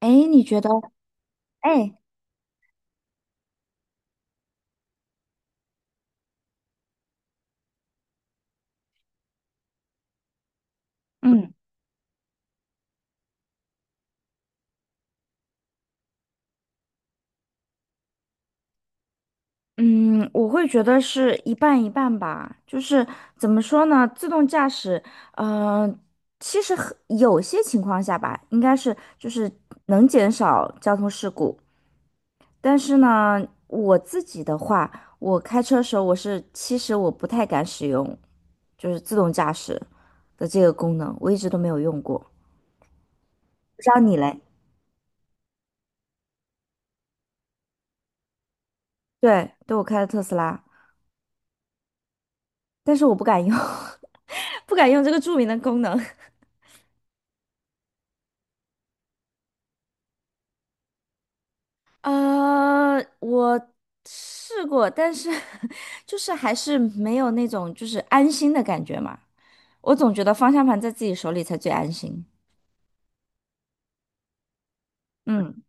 哎，你觉得？哎，嗯嗯，我会觉得是一半一半吧。就是怎么说呢？自动驾驶，嗯，其实很有些情况下吧，应该是就是能减少交通事故。但是呢，我自己的话，我开车的时候，其实我不太敢使用，就是自动驾驶的这个功能，我一直都没有用过。不知道你嘞？对，我开的特斯拉。但是我不敢用，不敢用这个著名的功能。我试过，但是 就是还是没有那种就是安心的感觉嘛。我总觉得方向盘在自己手里才最安心。嗯。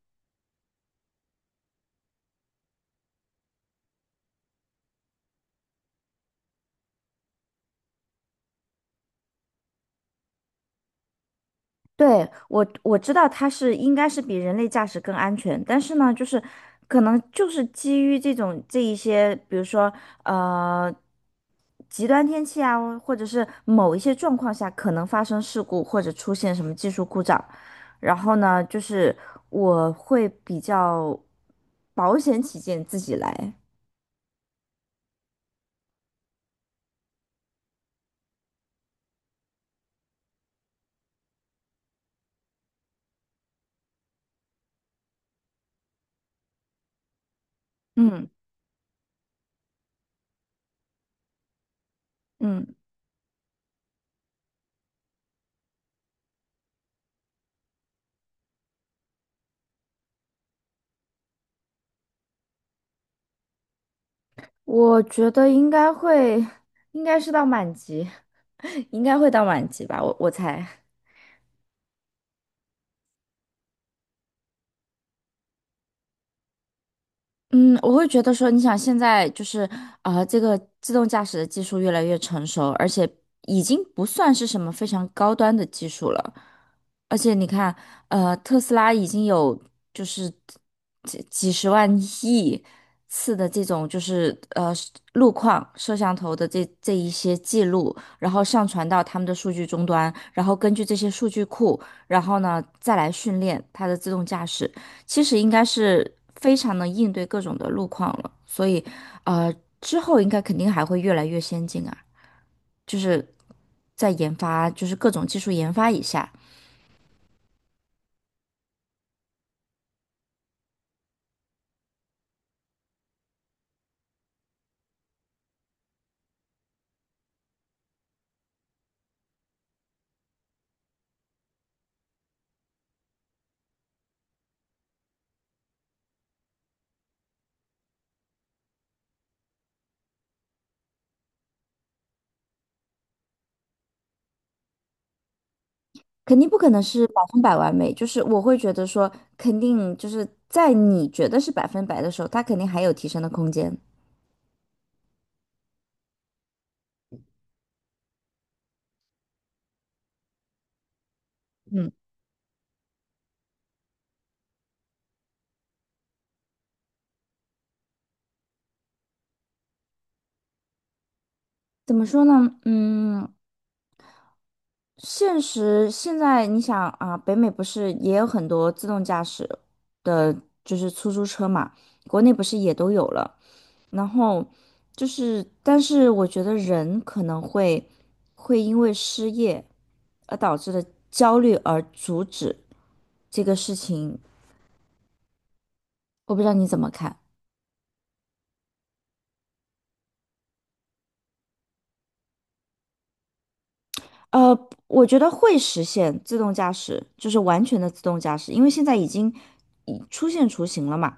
对，我知道它是应该是比人类驾驶更安全，但是呢，就是可能就是基于这种这一些，比如说呃极端天气啊，或者是某一些状况下可能发生事故或者出现什么技术故障，然后呢，就是我会比较保险起见自己来。嗯。嗯，我觉得应该会，应该是到满级，应该会到满级吧，我猜。嗯，我会觉得说，你想现在就是这个自动驾驶的技术越来越成熟，而且已经不算是什么非常高端的技术了。而且你看，特斯拉已经有就是几十万亿次的这种就是路况摄像头的这一些记录，然后上传到他们的数据终端，然后根据这些数据库，然后呢再来训练它的自动驾驶。其实应该是非常能应对各种的路况了，所以，呃，之后应该肯定还会越来越先进啊，就是在研发，就是各种技术研发一下，肯定不可能是百分百完美，就是我会觉得说，肯定就是在你觉得是百分百的时候，它肯定还有提升的空间。嗯，怎么说呢？嗯，现实现在你想啊，北美不是也有很多自动驾驶的，就是出租车嘛，国内不是也都有了。然后就是，但是我觉得人可能会因为失业而导致的焦虑而阻止这个事情，我不知道你怎么看。呃，我觉得会实现自动驾驶，就是完全的自动驾驶，因为现在已经已出现雏形了嘛。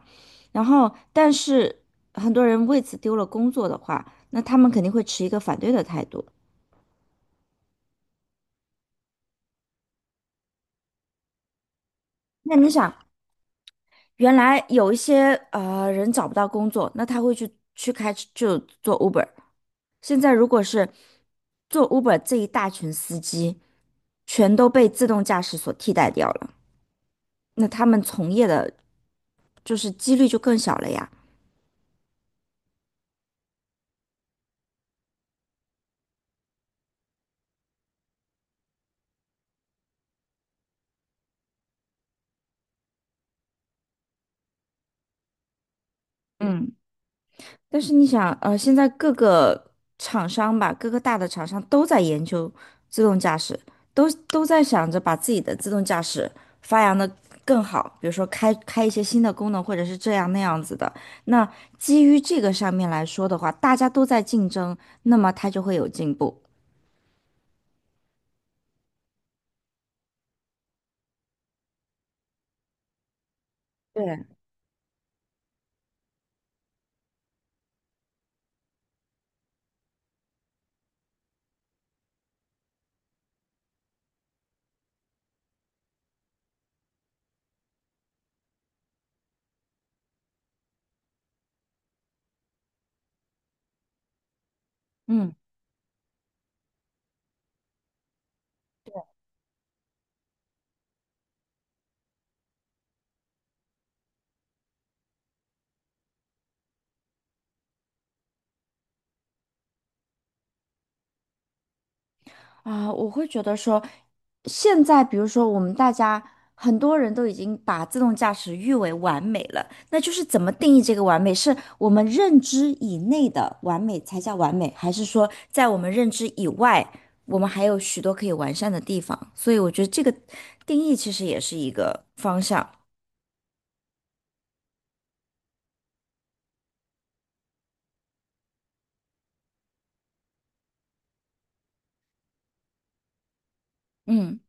然后，但是很多人为此丢了工作的话，那他们肯定会持一个反对的态度。那你想？原来有一些人找不到工作，那他会去开就做 Uber。现在如果是做 Uber 这一大群司机，全都被自动驾驶所替代掉了，那他们从业的就是几率就更小了呀。嗯。但是你想，现在各个厂商吧，各个大的厂商都在研究自动驾驶，都在想着把自己的自动驾驶发扬的更好，比如说开一些新的功能，或者是这样那样子的。那基于这个上面来说的话，大家都在竞争，那么它就会有进步。对，嗯。啊，我会觉得说，现在比如说我们大家很多人都已经把自动驾驶誉为完美了，那就是怎么定义这个完美？是我们认知以内的完美才叫完美，还是说在我们认知以外，我们还有许多可以完善的地方？所以我觉得这个定义其实也是一个方向。嗯，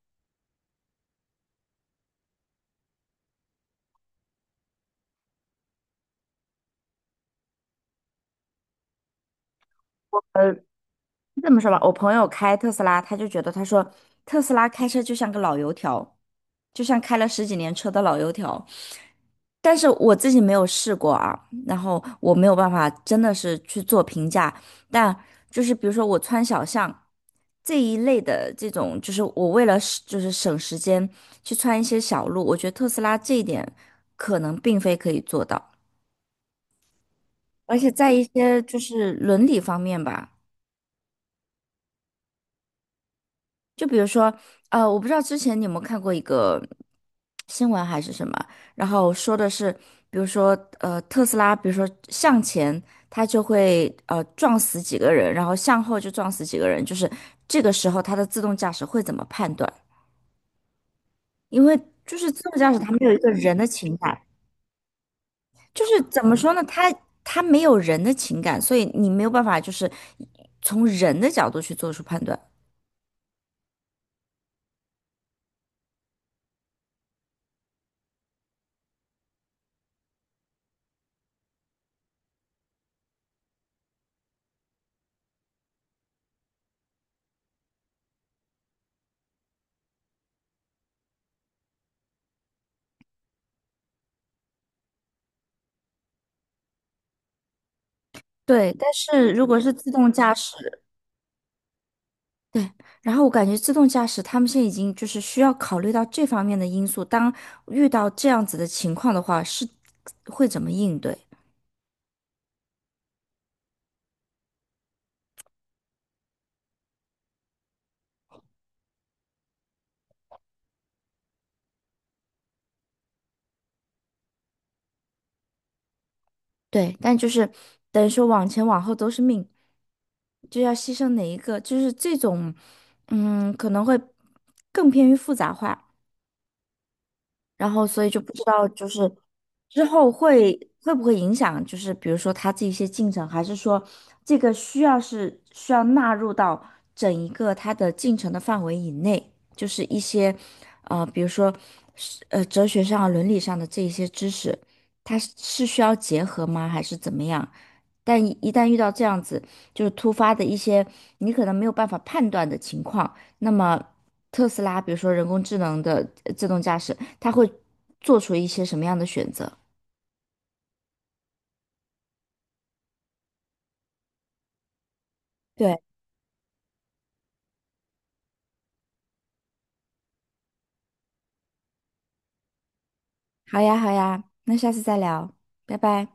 这么说吧，我朋友开特斯拉，他就觉得他说特斯拉开车就像个老油条，就像开了十几年车的老油条。但是我自己没有试过啊，然后我没有办法真的是去做评价，但就是比如说我穿小巷这一类的这种，就是我为了省就是省时间去穿一些小路，我觉得特斯拉这一点可能并非可以做到，而且在一些就是伦理方面吧。就比如说，我不知道之前你有没有看过一个新闻还是什么，然后说的是，比如说，特斯拉，比如说向前，它就会撞死几个人，然后向后就撞死几个人，就是这个时候它的自动驾驶会怎么判断？因为就是自动驾驶它没有一个人的情感，就是怎么说呢，它没有人的情感，所以你没有办法就是从人的角度去做出判断。对，但是如果是自动驾驶。对，然后我感觉自动驾驶他们现在已经就是需要考虑到这方面的因素，当遇到这样子的情况的话，是会怎么应对？对，但就是等于说往前往后都是命，就要牺牲哪一个，就是这种，嗯，可能会更偏于复杂化。然后所以就不知道就是之后会不会影响，就是比如说他这一些进程，还是说这个需要纳入到整一个他的进程的范围以内，就是一些比如说哲学上啊伦理上的这一些知识，它需要结合吗，还是怎么样？但一旦遇到这样子，就是突发的一些你可能没有办法判断的情况，那么特斯拉，比如说人工智能的自动驾驶，它会做出一些什么样的选择？对，好呀，好呀，那下次再聊，拜拜。